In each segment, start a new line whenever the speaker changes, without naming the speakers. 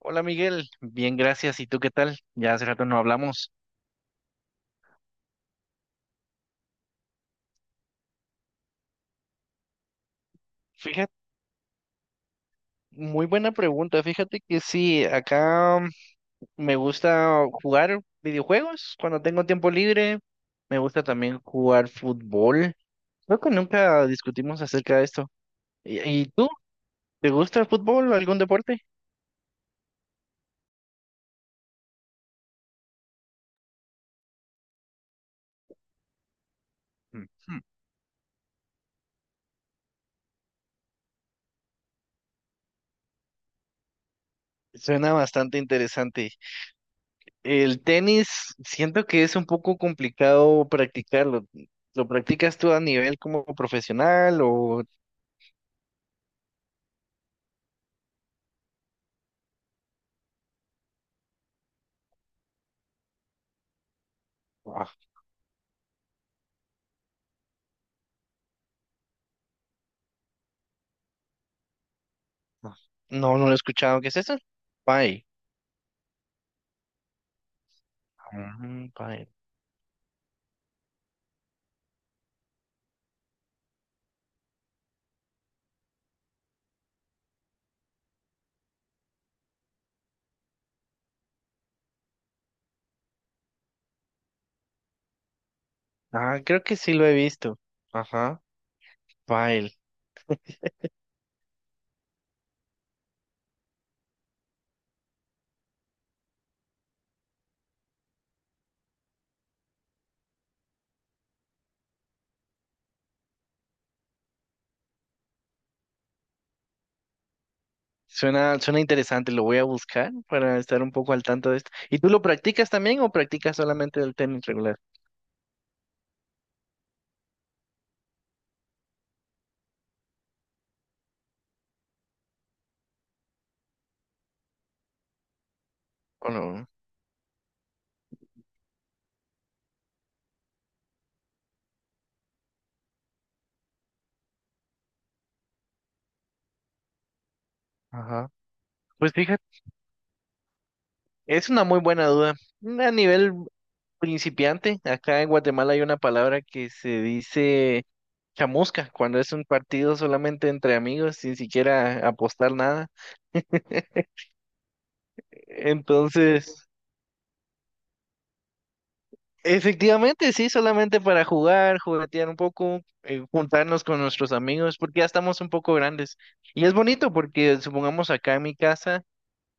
Hola Miguel, bien, gracias. ¿Y tú qué tal? Ya hace rato no hablamos. Fíjate, muy buena pregunta. Fíjate que sí, acá me gusta jugar videojuegos cuando tengo tiempo libre. Me gusta también jugar fútbol. Creo que nunca discutimos acerca de esto. ¿Y tú? ¿Te gusta el fútbol o algún deporte? Ujú. Suena bastante interesante. El tenis, siento que es un poco complicado practicarlo. ¿Lo practicas tú a nivel como profesional o... No, no lo he escuchado. ¿Qué es eso? Pile. Mm, pile. Ah, creo que sí lo he visto. Ajá. Pile. Suena, suena interesante. Lo voy a buscar para estar un poco al tanto de esto. ¿Y tú lo practicas también o practicas solamente el tenis regular? ¿O no? Ajá. Pues fíjate, es una muy buena duda. A nivel principiante, acá en Guatemala hay una palabra que se dice chamusca, cuando es un partido solamente entre amigos, sin siquiera apostar nada. Entonces, efectivamente, sí, solamente para jugar, juguetear un poco, juntarnos con nuestros amigos, porque ya estamos un poco grandes. Y es bonito porque supongamos acá en mi casa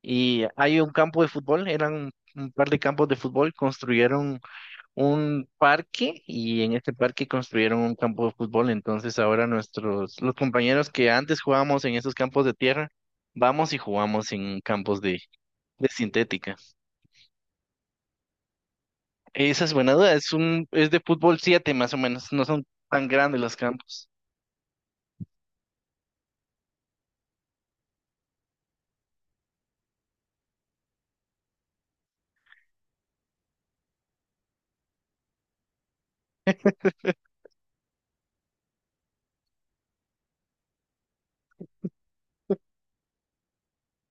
y hay un campo de fútbol, eran un par de campos de fútbol, construyeron un parque y en este parque construyeron un campo de fútbol. Entonces ahora nuestros, los compañeros que antes jugábamos en esos campos de tierra, vamos y jugamos en campos de sintética. Esa es buena duda. Es de fútbol 7 más o menos. No son tan grandes los campos.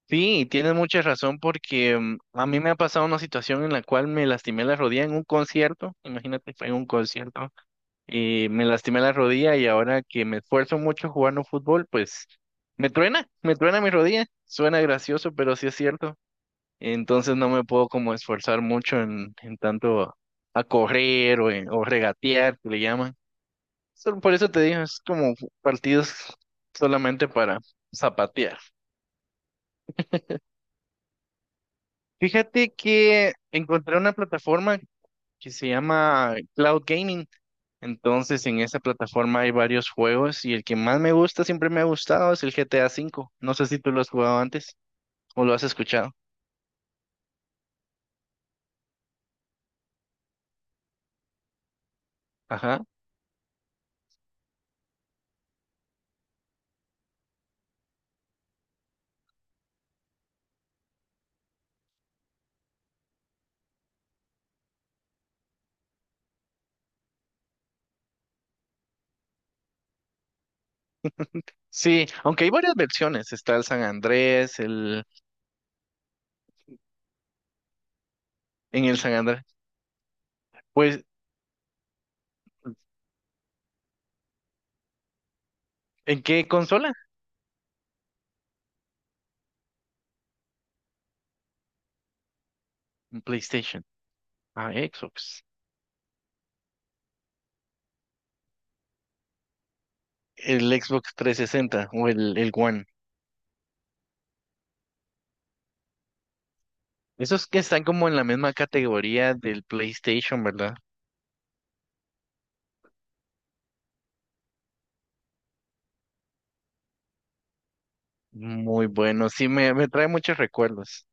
Sí, tienes mucha razón porque a mí me ha pasado una situación en la cual me lastimé la rodilla en un concierto. Imagínate, fue en un concierto y me lastimé la rodilla y ahora que me esfuerzo mucho jugando fútbol, pues me truena mi rodilla. Suena gracioso, pero sí es cierto. Entonces no me puedo como esforzar mucho en tanto a correr o regatear, que le llaman. Solo por eso te digo, es como partidos solamente para zapatear. Fíjate que encontré una plataforma que se llama Cloud Gaming. Entonces, en esa plataforma hay varios juegos y el que más me gusta, siempre me ha gustado, es el GTA 5. No sé si tú lo has jugado antes o lo has escuchado. Ajá. Sí, aunque hay varias versiones. Está el San Andrés, el en el San Andrés. Pues, ¿en qué consola? En PlayStation. Ah, Xbox. El Xbox 360 o el One. Esos que están como en la misma categoría del PlayStation, ¿verdad? Muy bueno, sí, me trae muchos recuerdos.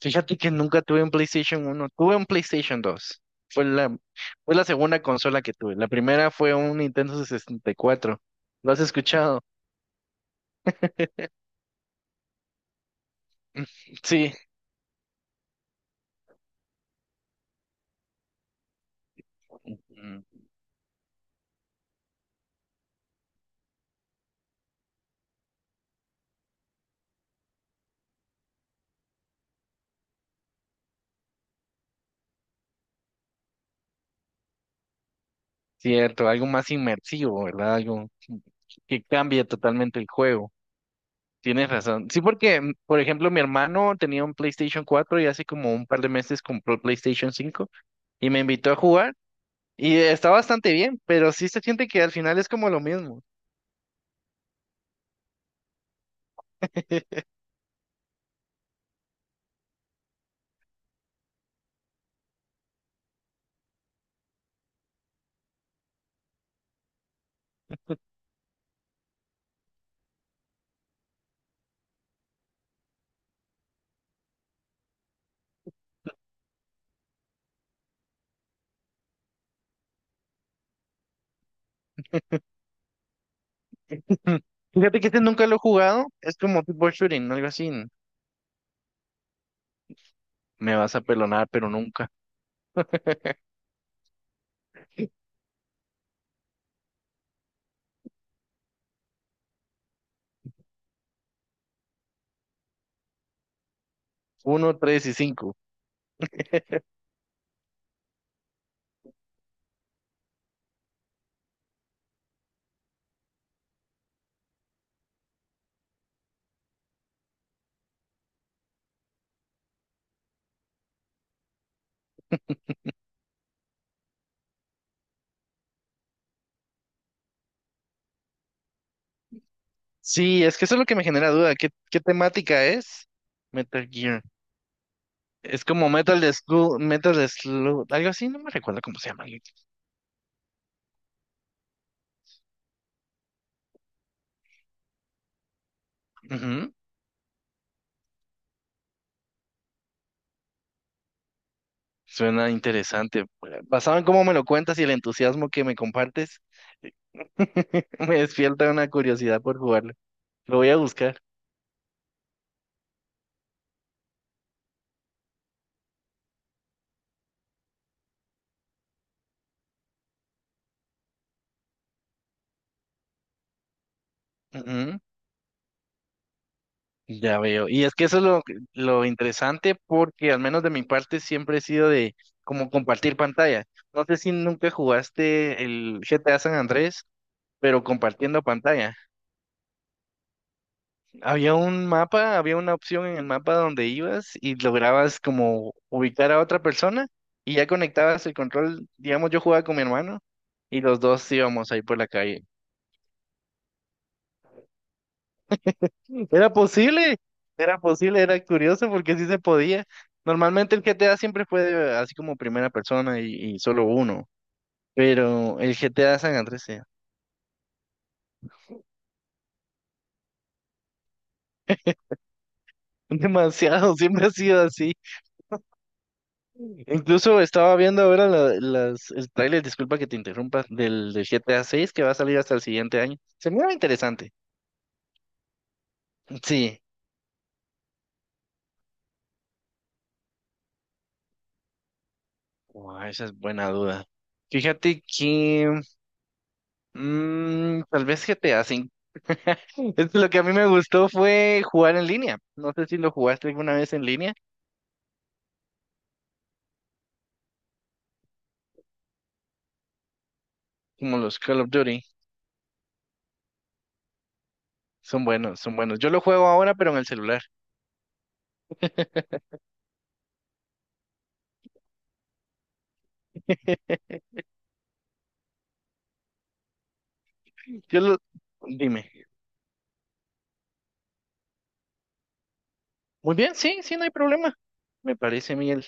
Fíjate que nunca tuve un PlayStation 1, tuve un PlayStation 2. Fue la, fue la segunda consola que tuve. La primera fue un Nintendo 64. ¿Lo has escuchado? Sí, ujú. Cierto, algo más inmersivo, ¿verdad? Algo que cambia totalmente el juego. Tienes razón. Sí, porque, por ejemplo, mi hermano tenía un PlayStation 4 y hace como un par de meses compró el PlayStation 5. Y me invitó a jugar y está bastante bien, pero sí se siente que al final es como lo mismo. Fíjate que este nunca lo he jugado, es como tipo shooting, ¿no? Algo así. Me vas a pelonar, pero nunca. Uno, tres y cinco. Sí, es que eso es lo que me genera duda. ¿Qué temática es? Metal Gear. Es como Metal de Slug, algo así, no me recuerdo cómo se llama. Ujú. Suena interesante. Basado en cómo me lo cuentas y el entusiasmo que me compartes, me despierta una curiosidad por jugarlo. Lo voy a buscar. Ujú, ya veo. Y es que eso es lo interesante porque al menos de mi parte siempre he sido de como compartir pantalla. No sé si nunca jugaste el GTA San Andrés, pero compartiendo pantalla. Había un mapa, había una opción en el mapa donde ibas y lograbas como ubicar a otra persona y ya conectabas el control. Digamos, yo jugaba con mi hermano y los dos íbamos ahí por la calle. Era posible, era posible, era curioso porque sí se podía. Normalmente el GTA siempre así como primera persona y solo uno, pero el GTA San Andrés, demasiado, siempre ha sido así. Incluso estaba viendo ahora el tráiler, disculpa que te interrumpa, del GTA 6 que va a salir hasta el siguiente año. Se mira interesante. Sí, guau, esa es buena duda. Fíjate que... Mm, tal vez GTA 5 V. Es lo que a mí me gustó fue jugar en línea. No sé si lo jugaste alguna vez en línea, como los Call of Duty. Son buenos, son buenos. Yo lo juego ahora, pero en el celular. Yo lo... Dime. Muy bien, sí, sí, no hay problema. Me parece, Miguel.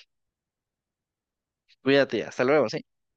Cuídate, hasta luego. Sí.